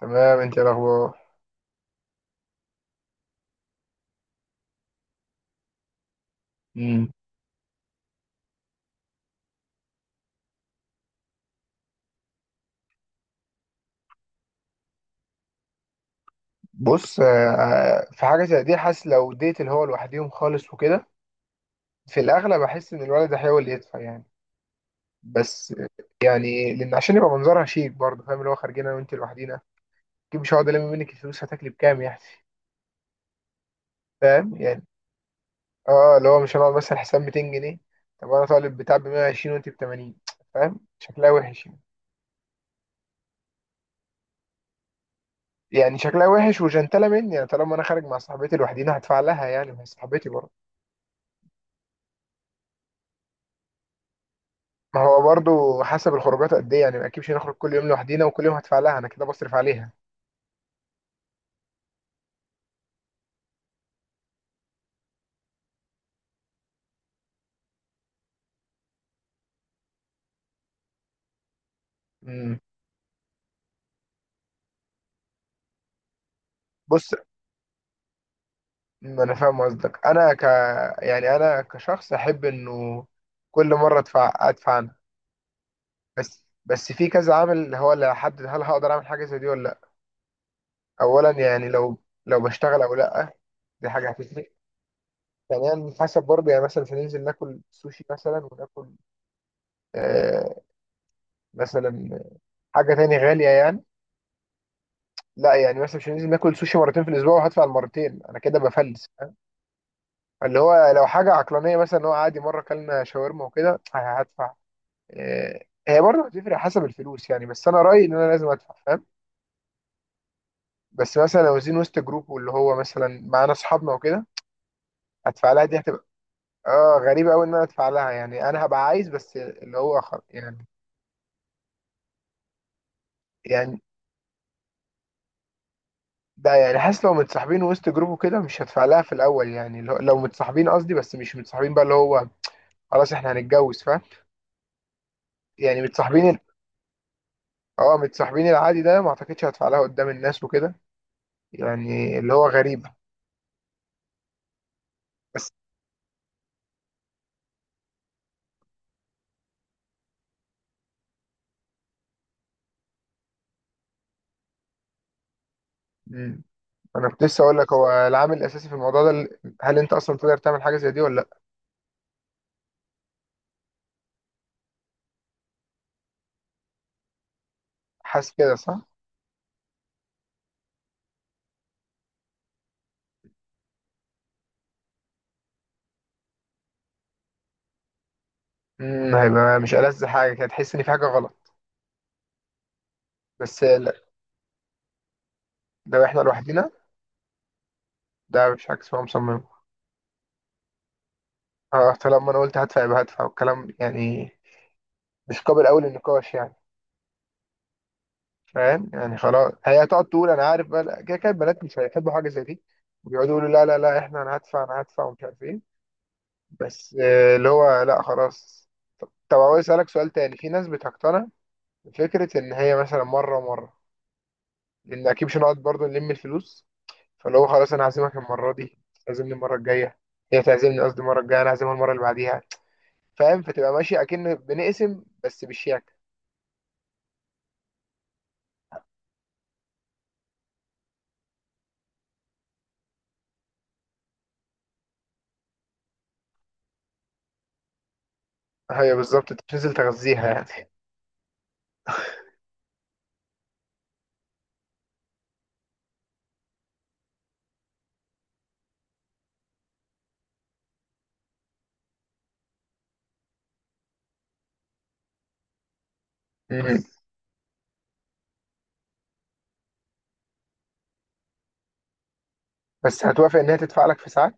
تمام، انت ايه الاخبار؟ امم بص. في حاجه زي دي، حاسس لو ديت اللي هو لوحديهم خالص وكده، في الاغلب احس ان الولد هيحاول يدفع يعني. بس، يعني لان عشان يبقى منظرها شيك برضه، فاهم؟ اللي هو خارجين انا وانت لوحدينا، اكيد مش هقعد الم منك الفلوس، هتاكلي بكام يعني؟ فاهم يعني. اه، اللي هو مش هنقعد مثلا حساب 200 جنيه، طب انا طالب بتاع ب 120 وانت ب 80، فاهم؟ شكلها وحش يعني. يعني شكلها وحش وجنتله مني، يعني طالما انا خارج مع صاحبتي لوحدينا هدفع لها، يعني ما هي صاحبتي برضه. ما هو برضو حسب الخروجات قد ايه يعني، ما اكيدش نخرج كل يوم لوحدينا وكل يوم هدفع لها، انا كده بصرف عليها. امم بص، ما انا فاهم قصدك، انا ك يعني انا كشخص احب انه كل مره ادفع، ادفع انا. بس في كذا عامل هو اللي هيحدد هل هقدر اعمل حاجه زي دي ولا لا. اولا يعني، لو بشتغل او لا، دي حاجه هتفرق. ثانيا، حسب برضه، يعني مثلا مش هننزل ناكل سوشي مثلا، وناكل آه مثلا حاجه تاني غاليه يعني. لا يعني مثلا مش لازم اكل سوشي مرتين في الاسبوع، وهدفع المرتين انا، كده بفلس، فاهم؟ فاللي هو لو حاجه عقلانيه، مثلا اللي هو عادي مره اكلنا شاورما وكده هدفع. هي برضه هتفرق حسب الفلوس يعني، بس انا رايي ان انا لازم ادفع، فاهم؟ بس مثلا لو زين وسط جروب، واللي هو مثلا معانا اصحابنا وكده، هدفع لها دي هتبقى اه غريبه قوي ان انا ادفع لها. يعني انا هبقى عايز، بس اللي هو يعني، يعني ده يعني حاسس لو متصاحبين وسط جروب وكده مش هدفع لها في الاول. يعني لو متصاحبين قصدي، بس مش متصاحبين بقى اللي هو خلاص احنا هنتجوز، فاهم؟ يعني متصاحبين اه، متصاحبين العادي ده ما اعتقدش هدفع لها قدام الناس وكده، يعني اللي هو غريب. بس. مم. انا كنت لسه اقول لك، هو العامل الاساسي في الموضوع ده هل انت اصلا تقدر تعمل حاجه زي دي ولا لا. حاسس كده صح. هيبقى مش ألذ حاجه كده، تحس ان في حاجه غلط. بس لا، لو احنا لوحدينا، ده مش عكس هو مصمم. اه، طالما انا قلت هدفع يبقى هدفع والكلام يعني، مش قابل اول النقاش يعني. فاهم يعني؟ خلاص، هي هتقعد تقول انا عارف بقى، لا، كده كده البنات مش هيحبوا حاجه زي دي، ويقعدوا يقولوا لا لا لا احنا، انا هدفع انا هدفع ومش عارف ايه. بس اللي هو لا خلاص. طب عاوز اسالك سؤال تاني، في ناس بتقتنع بفكره ان هي مثلا مره ومره، لان اكيد مش هنقعد برضه نلم الفلوس. فاللي هو خلاص انا هعزمك المره دي، تعزمني المره الجايه، هي تعزمني قصدي المره الجايه انا هعزمها المره اللي بعديها، فاهم؟ فتبقى ماشي اكن بنقسم بس بالشياكه. ايوه بالظبط، انت بتنزل تغذيها يعني. مم. بس هتوافق ان هي تدفع لك في ساعات.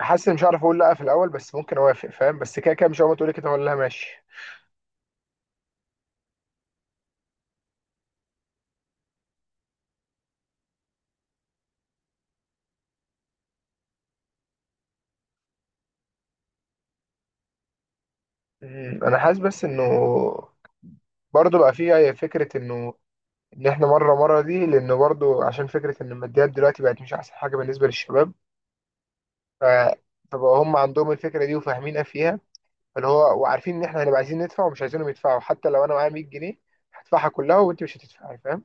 حاسس إن مش هعرف اقول لا في الاول، بس ممكن اوافق، فاهم؟ بس كده كده مش اول ما تقولي كده اقول لها ماشي. انا حاسس بس انه برضه بقى فيها فكره انه ان احنا مره مره دي، لانه برضه عشان فكره ان الماديات دلوقتي بقت مش احسن حاجه بالنسبه للشباب. ف فبقى هم عندهم الفكره دي وفاهمينها فيها، اللي هو وعارفين ان احنا هنبقى عايزين ندفع ومش عايزينهم يدفعوا، حتى لو انا معايا 100 جنيه هدفعها كلها وانت مش هتدفعي، فاهم؟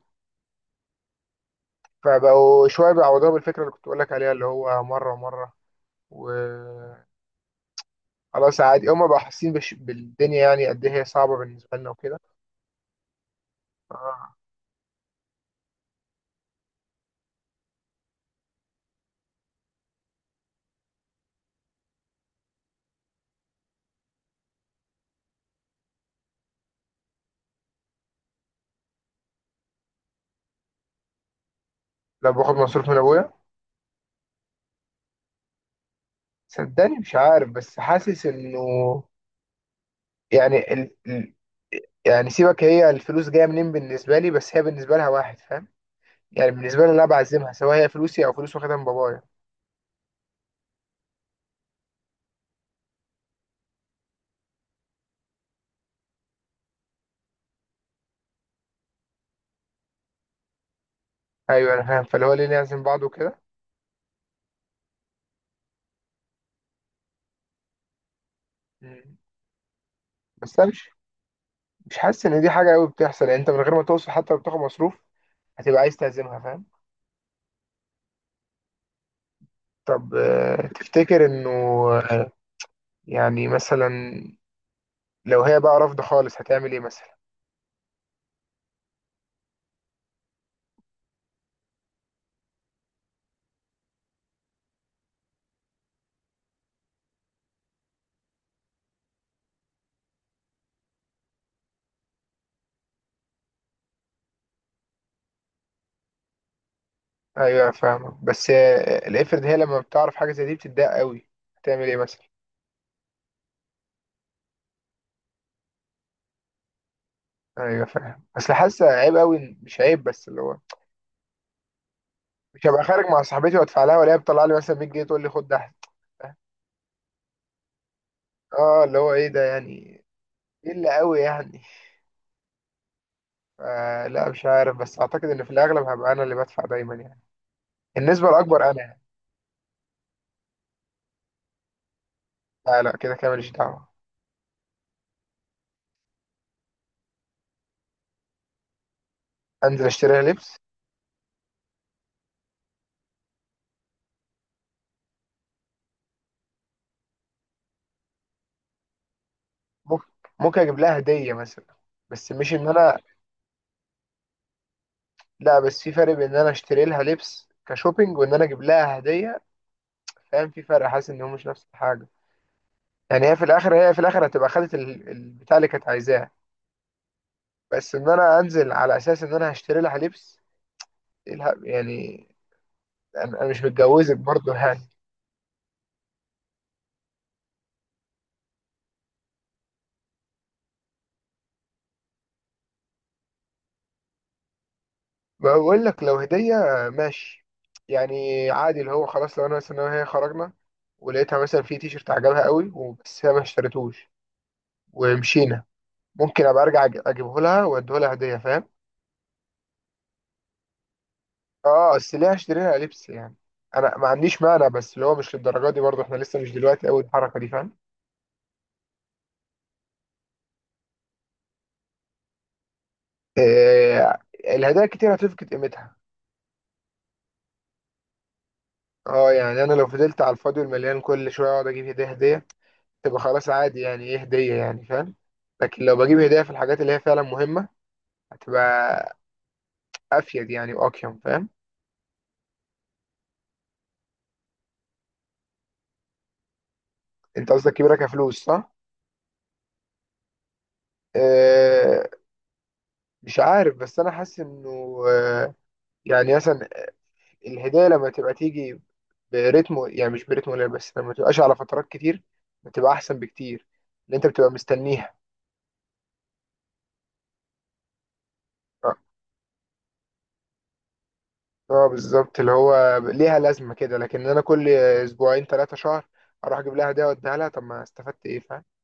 فبقوا شويه بيعوضوها بالفكره اللي كنت بقول لك عليها، اللي هو مره مره، و خلاص عادي، هما بقوا حاسين بالدنيا يعني قد ايه هي صعبة بالنسبة لنا وكده. آه. لو باخد مصروف من ابويا، صدقني مش عارف، بس حاسس انه، يعني ال... ال... يعني سيبك هي الفلوس جاية منين بالنسبة لي، بس هي بالنسبة لها واحد، فاهم؟ يعني بالنسبة لي انا بعزمها، سواء هي فلوسي او فلوس واخدها من بابايا. ايوه انا فاهم، فاللي هو ليه نعزم بعض وكده. مم. بس انا مش حاسس ان دي حاجة قوي بتحصل، يعني انت من غير ما توصل حتى لو بتاخد مصروف، هتبقى عايز تعزمها، فاهم؟ طب تفتكر انه يعني مثلا لو هي بقى رافضة خالص هتعمل ايه مثلا؟ ايوه فاهمة، بس افرض هي لما بتعرف حاجة زي دي بتتضايق قوي، هتعمل ايه مثلا؟ ايوه فاهم، اصل حاسة عيب قوي مش عيب بس اللي هو مش هبقى خارج مع صاحبتي وادفع لها، ولا هي بتطلع لي مثلا 100 جنيه تقول لي خد ده. اه، اللي هو ايه ده يعني؟ ايه اللي قوي يعني؟ لا مش عارف، بس اعتقد ان في الاغلب هبقى انا اللي بدفع دايما يعني، النسبة الاكبر انا يعني. لا لا، كده كده ماليش دعوة. انزل اشتري لها لبس؟ ممكن ممكن اجيب لها هدية مثلا، بس مش ان انا. لا، بس في فرق بين ان انا اشتري لها لبس كشوبينج، وان انا اجيب لها هديه، فاهم؟ في فرق، حاسس ان هو مش نفس الحاجه. يعني هي في الاخر هتبقى خدت البتاع اللي كانت عايزاه، بس ان انا انزل على اساس ان انا هشتري لها لبس، إيه يعني، انا مش متجوزك برضه يعني. بقول لك لو هديه ماشي، يعني عادي اللي هو خلاص لو انا مثلا أنا وهي خرجنا، ولقيتها مثلا في تيشرت عجبها قوي، وبس هي ما اشتريتوش ومشينا، ممكن ابقى ارجع اجيبه لها واديه لها هديه، فاهم؟ اه اصل ليه هشتري لها لبس يعني، انا ما عنديش مانع، بس اللي هو مش للدرجه دي برضه، احنا لسه مش دلوقتي قوي الحركه دي، فاهم؟ آه. الهدايا كتير هتفقد قيمتها. اه يعني انا لو فضلت على الفاضي والمليان كل شويه اقعد اجيب هديه هديه، تبقى خلاص عادي، يعني ايه هديه يعني، فاهم؟ لكن لو بجيب هديه في الحاجات اللي هي فعلا مهمه، هتبقى افيد يعني، واقيم، فاهم؟ انت قصدك كبيره كفلوس صح؟ آه. مش عارف، بس انا حاسس انه يعني مثلا الهدايا لما تبقى تيجي برتمه، يعني مش برتمه قليل، بس لما تبقاش على فترات كتير، بتبقى احسن بكتير، اللي انت بتبقى مستنيها. اه، بالظبط، اللي هو ليها لازمه كده، لكن انا كل اسبوعين 3 شهر اروح اجيب لها ده واديها لها، طب ما استفدت ايه، فاهم؟